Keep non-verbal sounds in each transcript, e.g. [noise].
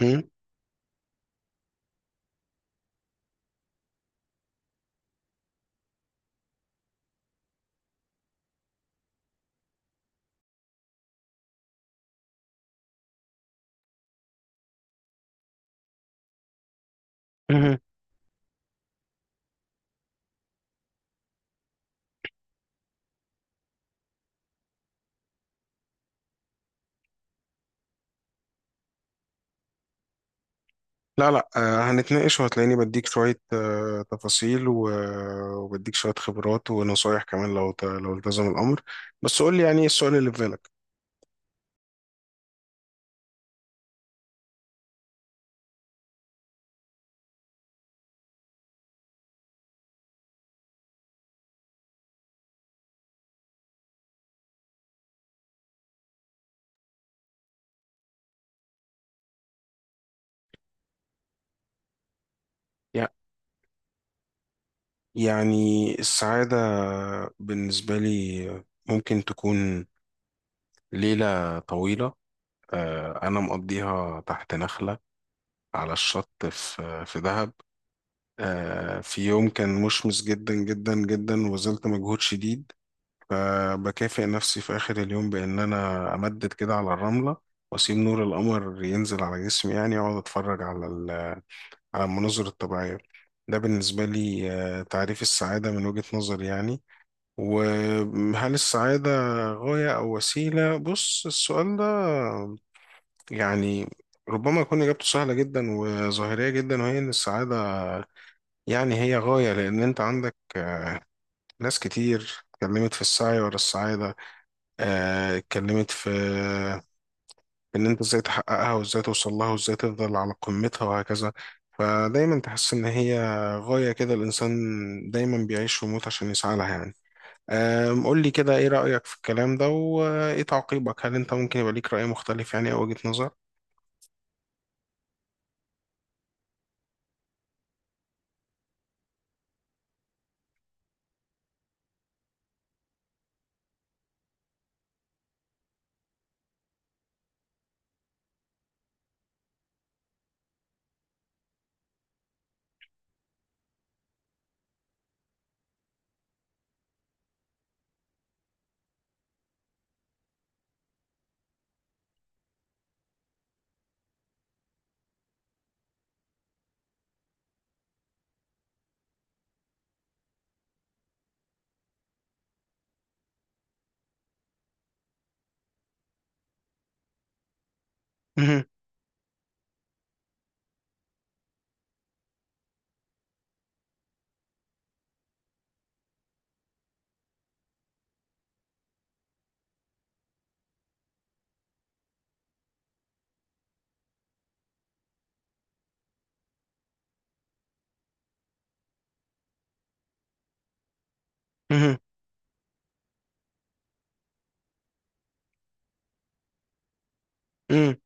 مم. مهم. لا لا هنتناقش وهتلاقيني بديك شوية تفاصيل وبديك شوية خبرات ونصايح كمان، لو لو التزم الأمر. بس قول لي يعني إيه السؤال اللي في بالك؟ يع- يعني السعادة بالنسبة لي ممكن تكون ليلة طويلة، أنا مقضيها تحت نخلة على الشط في دهب، في يوم كان مشمس جدا جدا جدا وبذلت مجهود شديد، فبكافئ نفسي في آخر اليوم بإن أنا أمدد كده على الرملة وأسيب نور القمر ينزل على جسمي يعني، وأقعد أتفرج على على المناظر الطبيعية. ده بالنسبة لي تعريف السعادة من وجهة نظري يعني. وهل السعادة غاية أو وسيلة؟ بص السؤال ده يعني ربما يكون إجابته سهلة جدا وظاهرية جدا، وهي إن السعادة يعني هي غاية، لأن أنت عندك ناس كتير اتكلمت في السعي ورا السعادة. اتكلمت في ان انت ازاي تحققها وازاي توصل لها وازاي تفضل على قمتها وهكذا، فدايما تحس ان هي غاية كده. الانسان دايما بيعيش ويموت عشان يسعى لها يعني. قول لي كده ايه رأيك في الكلام ده وايه تعقيبك؟ هل انت ممكن يبقى ليك رأي مختلف يعني او وجهة نظر؟ [laughs]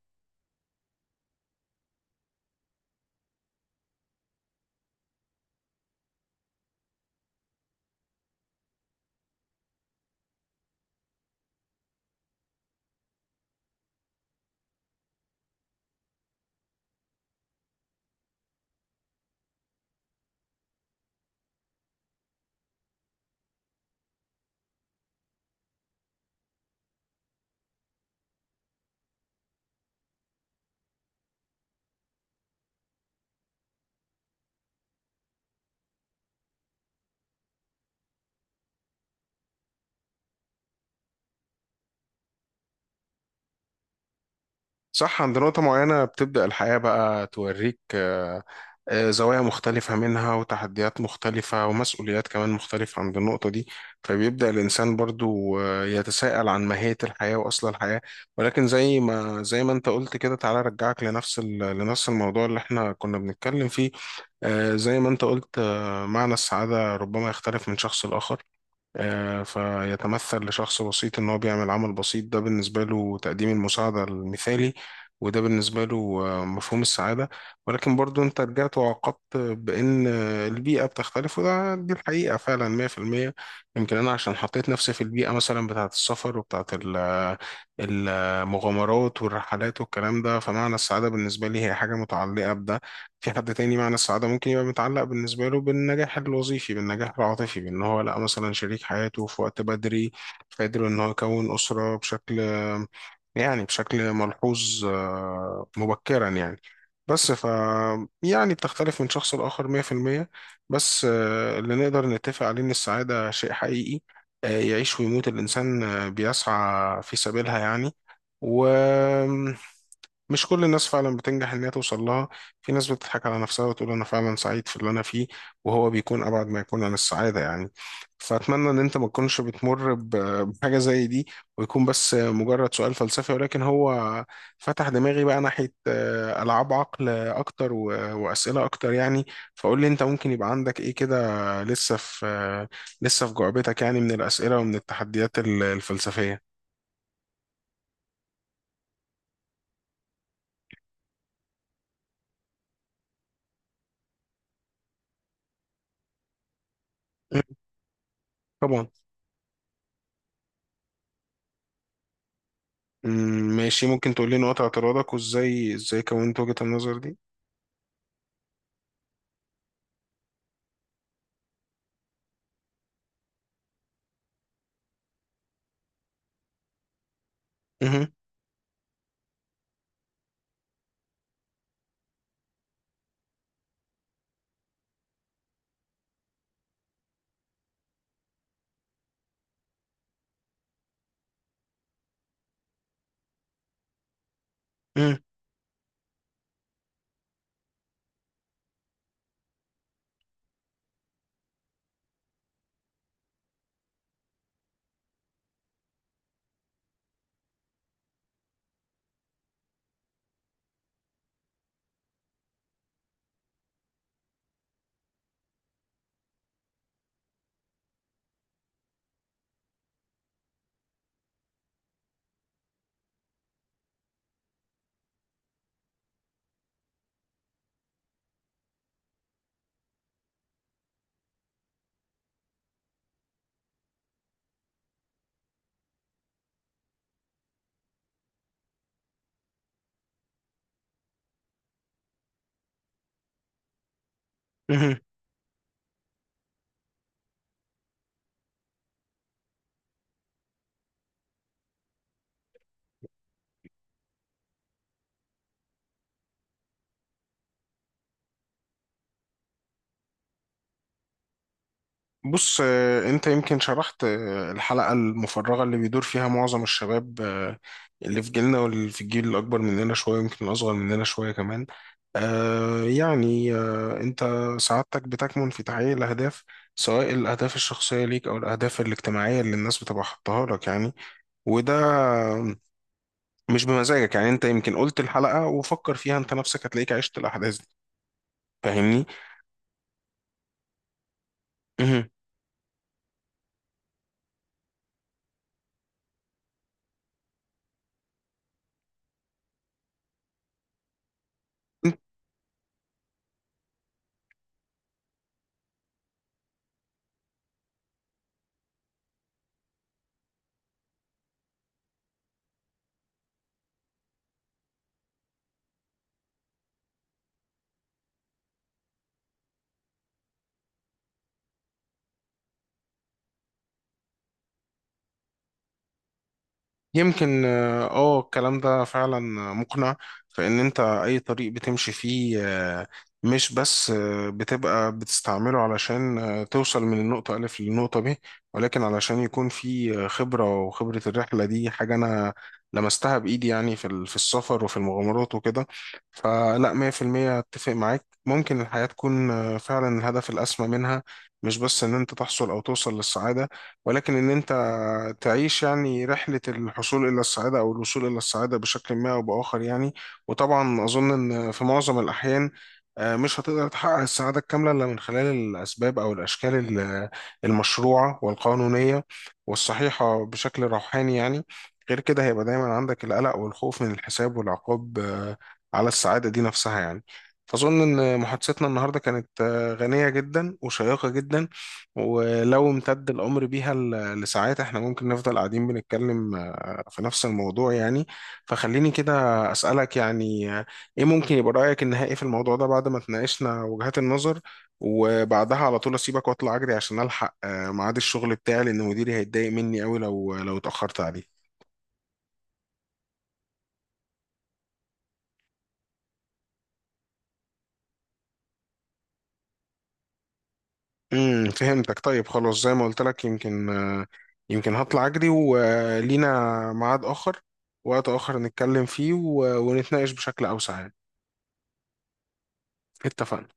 صح، عند نقطة معينة بتبدأ الحياة بقى توريك زوايا مختلفة منها وتحديات مختلفة ومسؤوليات كمان مختلفة عند النقطة دي، فبيبدأ الإنسان برضو يتساءل عن ماهية الحياة وأصل الحياة. ولكن زي ما أنت قلت كده، تعالى أرجعك لنفس لنفس الموضوع اللي إحنا كنا بنتكلم فيه. زي ما أنت قلت، معنى السعادة ربما يختلف من شخص لآخر، فيتمثل لشخص بسيط إن هو بيعمل عمل بسيط، ده بالنسبة له تقديم المساعدة المثالي، وده بالنسبة له مفهوم السعادة. ولكن برضو أنت رجعت وعقدت بإن البيئة بتختلف، وده دي الحقيقة فعلا 100%. يمكن أنا عشان حطيت نفسي في البيئة مثلا بتاعة السفر وبتاعة المغامرات والرحلات والكلام ده، فمعنى السعادة بالنسبة لي هي حاجة متعلقة بده. في حد تاني معنى السعادة ممكن يبقى متعلق بالنسبة له بالنجاح الوظيفي، بالنجاح العاطفي، بأن هو لقى مثلا شريك حياته في وقت بدري، فقدر أن هو يكون أسرة بشكل يعني بشكل ملحوظ، مبكرا يعني. بس يعني بتختلف من شخص لآخر 100%. بس اللي نقدر نتفق عليه إن السعادة شيء حقيقي، يعيش ويموت الإنسان بيسعى في سبيلها يعني. و مش كل الناس فعلا بتنجح ان هي توصل لها. في ناس بتضحك على نفسها وتقول انا فعلا سعيد في اللي انا فيه، وهو بيكون ابعد ما يكون عن السعاده يعني. فاتمنى ان انت ما تكونش بتمر بحاجه زي دي، ويكون بس مجرد سؤال فلسفي. ولكن هو فتح دماغي بقى ناحيه العاب عقل اكتر واسئله اكتر يعني. فقول لي انت ممكن يبقى عندك ايه كده؟ لسه في آه، لسه في جعبتك يعني من الاسئله ومن التحديات الفلسفيه؟ مم. طبعا. مم، ماشي، ممكن تقول لي نقاط اعتراضك، وازاي كونت وجهة النظر دي؟ مهم. مم، مهم. بص، انت يمكن شرحت الحلقة المفرغة اللي بيدور فيها معظم الشباب، اللي في جيلنا واللي في الجيل الأكبر مننا شوية ويمكن الأصغر مننا شوية كمان. انت سعادتك بتكمن في تحقيق الأهداف، سواء الأهداف الشخصية ليك أو الأهداف الاجتماعية اللي الناس بتبقى حاطاها لك يعني، وده مش بمزاجك يعني. انت يمكن قلت الحلقة وفكر فيها انت نفسك، هتلاقيك عشت الأحداث دي. فاهمني؟ مهم. يمكن الكلام ده فعلا مقنع، فإن أنت أي طريق بتمشي فيه مش بس بتبقى بتستعمله علشان توصل من النقطة ألف للنقطة ب، ولكن علشان يكون في خبرة، وخبرة الرحلة دي حاجة أنا لمستها بإيدي يعني في في السفر وفي المغامرات وكده. فلا 100% أتفق معاك، ممكن الحياة تكون فعلا الهدف الأسمى منها مش بس إن أنت تحصل أو توصل للسعادة، ولكن إن أنت تعيش يعني رحلة الحصول إلى السعادة أو الوصول إلى السعادة بشكل ما أو بآخر يعني. وطبعا أظن إن في معظم الأحيان مش هتقدر تحقق السعادة الكاملة إلا من خلال الأسباب أو الأشكال المشروعة والقانونية والصحيحة بشكل روحاني يعني. غير كده هيبقى دايما عندك القلق والخوف من الحساب والعقاب، على السعادة دي نفسها يعني. فأظن إن محادثتنا النهاردة كانت غنية جدا وشيقة جدا، ولو امتد الأمر بيها لساعات احنا ممكن نفضل قاعدين بنتكلم في نفس الموضوع يعني. فخليني كده أسألك يعني، ايه ممكن يبقى رأيك النهائي في الموضوع ده بعد ما تناقشنا وجهات النظر، وبعدها على طول أسيبك وأطلع أجري عشان ألحق ميعاد الشغل بتاعي، لأن مديري هيتضايق مني أوي لو اتأخرت عليه. فهمتك. طيب خلاص، زي ما قلت لك يمكن، يمكن هطلع أجري ولينا ميعاد آخر، وقت آخر نتكلم فيه ونتناقش بشكل أوسع يعني. اتفقنا.